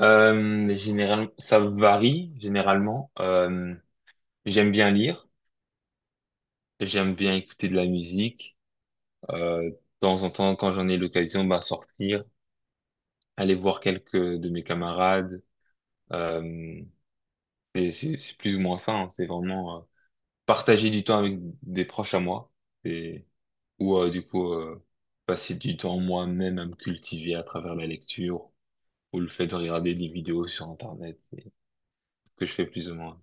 Euh, Ça varie généralement. J'aime bien lire, j'aime bien écouter de la musique. De temps en temps, quand j'en ai l'occasion, bah, sortir, aller voir quelques de mes camarades. Euh, et c'est plus ou moins ça, hein. C'est vraiment partager du temps avec des proches à moi. Et, ou du coup, passer du temps moi-même à me cultiver à travers la lecture ou le fait de regarder des vidéos sur Internet. C'est ce que je fais plus ou moins.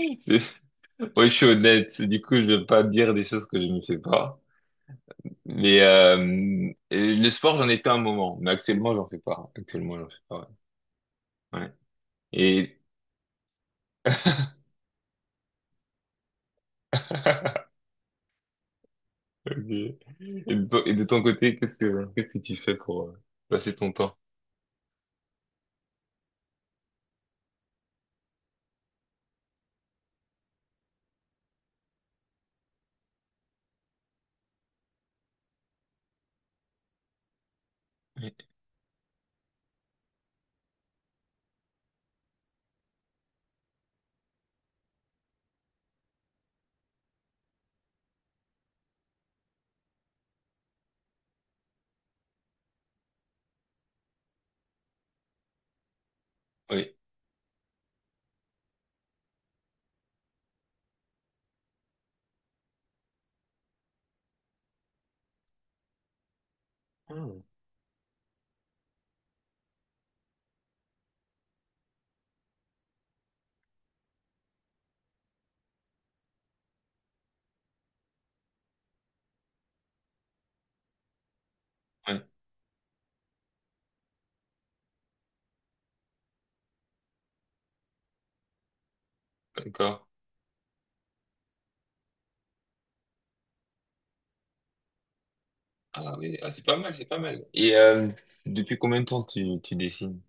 Moi, je suis honnête, du coup, je vais pas dire des choses que je ne fais pas. Mais le sport, j'en ai fait un moment, mais actuellement, j'en fais pas. Actuellement, j'en fais pas. Ouais. Ouais. Et... Ok. Et de ton côté, qu'est-ce que tu fais pour passer ton temps? Oui. Oui. Hmm. Ouais. D'accord. Ah oui, ah, c'est pas mal, c'est pas mal. Et depuis combien de temps tu dessines?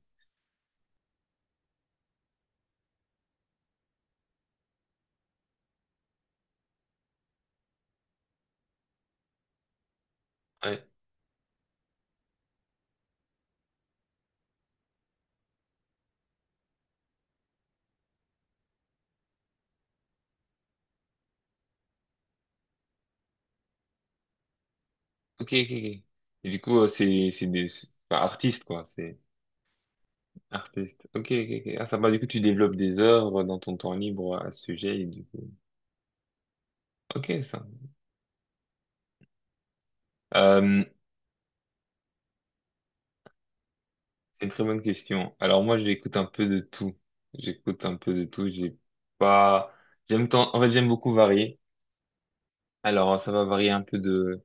Ouais. Ok, ok, ok. Et du coup, c'est enfin, artistes quoi, c'est. Artiste. Ok, ok, ok. Ah, ça va, du coup, tu développes des œuvres dans ton temps libre à ce sujet, et du coup. Ok, ça. Euh, c'est une très bonne question. Alors, moi, j'écoute un peu de tout. J'écoute un peu de tout. J'ai pas, j'aime tant, en fait, j'aime beaucoup varier. Alors, ça va varier un peu de,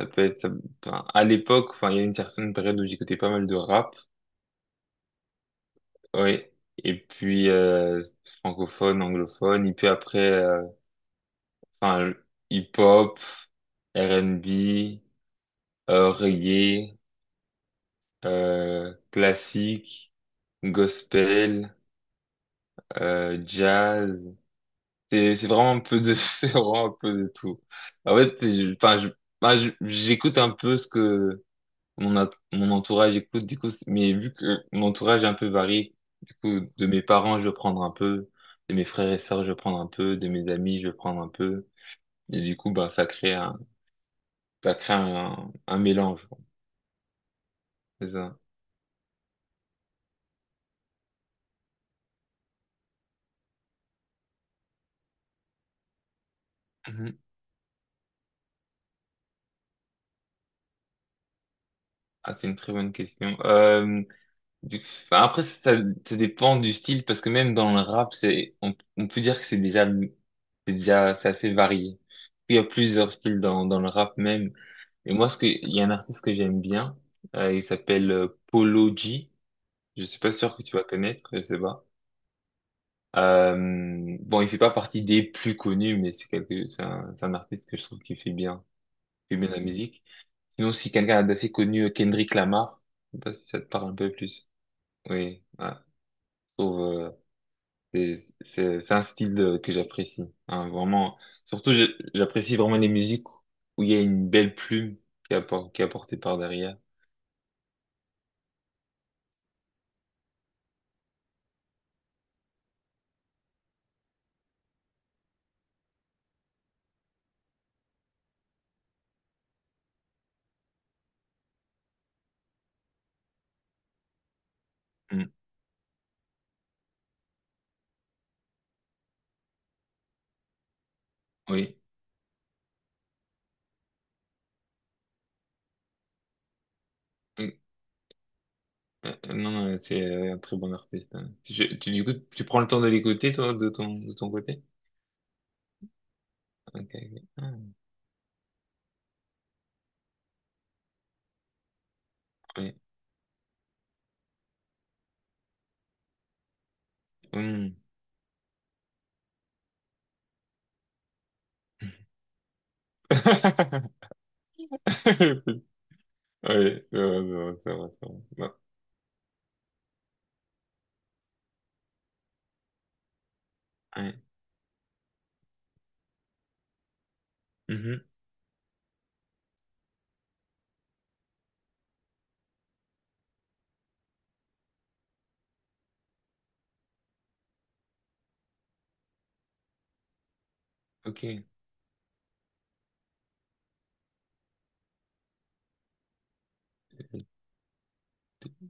ça peut être, enfin, à l'époque, enfin, il y a une certaine période où j'écoutais pas mal de rap. Ouais. Et puis, francophone, anglophone. Et puis après, enfin, hip-hop, R&B, reggae, classique, gospel, jazz. C'est vraiment un peu de c'est vraiment un peu de tout. En fait, enfin, enfin, j'écoute un peu ce que mon entourage écoute du coup, mais vu que mon entourage est un peu varié, du coup, de mes parents, je vais prendre un peu, de mes frères et sœurs, je vais prendre un peu, de mes amis, je vais prendre un peu. Et du coup, bah, ça crée un, un mélange. C'est ça. Mhm. Ah, c'est une très bonne question. Du- Bah, après, ça dépend du style, parce que même dans le rap, c'est, on peut dire que c'est déjà, c'est assez varié. Il y a plusieurs styles dans, dans le rap même. Et moi, ce que, il y a un artiste que j'aime bien, il s'appelle Polo G. Je suis pas sûr que tu vas connaître, je sais pas. Euh, bon, il fait pas partie des plus connus, mais c'est quelque, c'est un artiste que je trouve qui fait bien la musique. Sinon, si quelqu'un d'assez connu, Kendrick Lamar, je sais pas si ça te parle un peu plus. Oui, ouais. C'est c'est un que j'apprécie, hein, vraiment. Surtout, j'apprécie vraiment les musiques où il y a une belle plume qui est, qui est apportée par derrière. Mm, oui. Mm, non, non, c'est un très bon artiste, hein. Tu, du coup, tu prends le temps de l'écouter, toi, de ton côté? Ok, ok. Ah, oui. Mm. Ouais, c'est vrai, c'est vrai, c'est vrai, c'est vrai. Bon. Ouais. Mhm. Ok.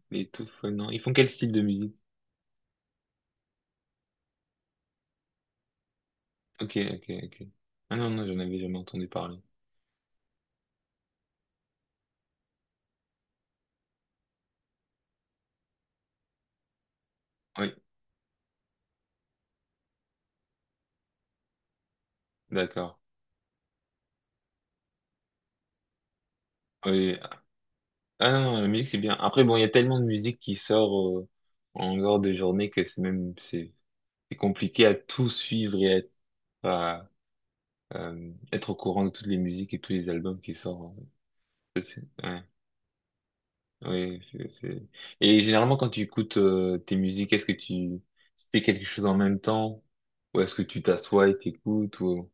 Les tout non, ils font quel style de musique? Ok, ok, ok. Ah non, non, j'en avais jamais entendu parler. Oui, d'accord. Oui. Ah non, non, la musique c'est bien. Après, bon, il y a tellement de musique qui sort en dehors de journée que c'est même c'est compliqué à tout suivre et à, être au courant de toutes les musiques et tous les albums qui sortent. Ça, ouais, oui, et généralement, quand tu écoutes tes musiques, est-ce que tu fais quelque chose en même temps ou est-ce que tu t'assois et t'écoutes ou...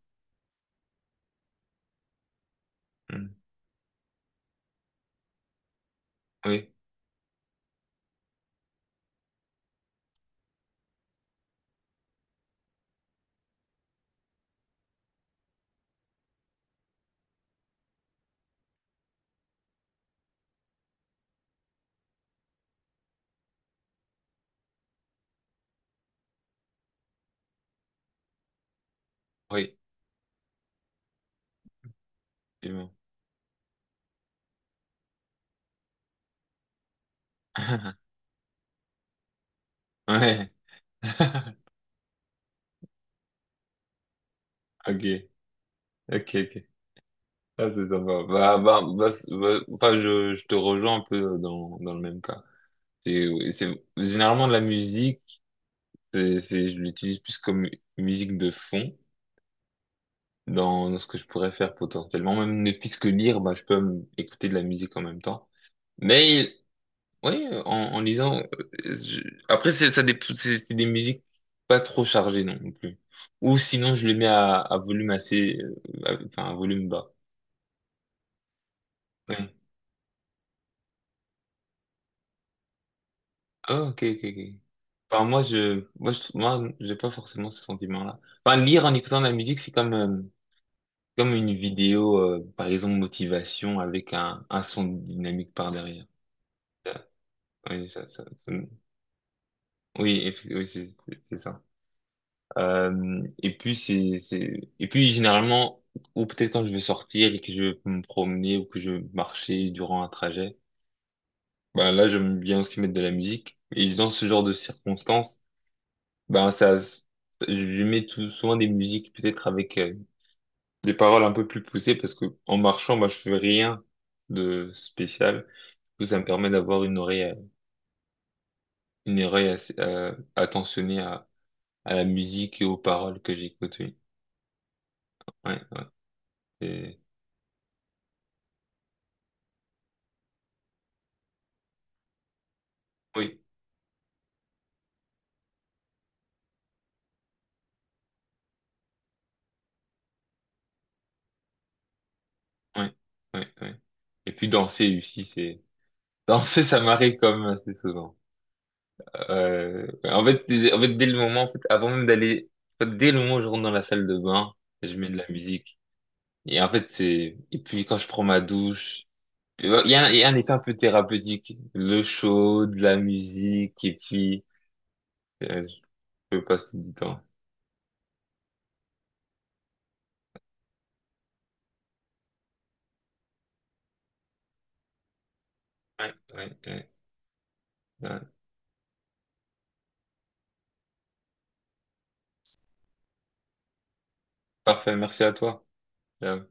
Hmm. Oui, oui, c'est bon. Ouais. Ok, ok, ok. Ah, c'est sympa. Bah, bah, bah, bah, enfin, je te rejoins un peu dans, dans le même cas. C'est, c'est, généralement, la musique, c'est, je l'utilise plus comme musique de fond dans, dans ce que je pourrais faire potentiellement. Même ne fût-ce que lire, bah, je peux écouter de la musique en même temps. Mais, oui, en, en lisant, euh, je- après, c'est, ça, c'est des musiques pas trop chargées non plus. Ou sinon, je les mets à volume assez, enfin, à volume bas. Ouais. Ah, ok, ok, ok. Enfin, moi, j'ai pas forcément ce sentiment-là. Enfin, lire en écoutant de la musique, c'est comme, comme une vidéo, par exemple, motivation avec un son dynamique par derrière. Ça, oui, ça, oui, oui, c'est ça. Et puis c'est, et puis généralement, ou peut-être quand je vais sortir et que je vais me promener ou que je vais marcher durant un trajet, bah là, j'aime bien aussi mettre de la musique. Et dans ce genre de circonstances, ben, ça, je mets tout, souvent des musiques peut-être avec des paroles un peu plus poussées parce que en marchant, moi, je fais rien de spécial. Donc, ça me permet d'avoir une oreille assez, attentionnée à la musique et aux paroles que j'écoute. Oui. Ouais, c'est- oui, oui, oui, oui. Et puis danser aussi, c'est danser, ça m'arrive quand même assez souvent. En fait, en fait, dès le moment, en fait, avant même d'aller, en fait, dès le moment où je rentre dans la salle de bain, je mets de la musique. Et en fait, c'est, et puis quand je prends ma douche, il y a un, il y a un effet un peu thérapeutique. Le chaud, de la musique, et puis, euh, je peux passer du temps. Ouais, ouais, ouais, ouais. Parfait, merci à toi. Euh,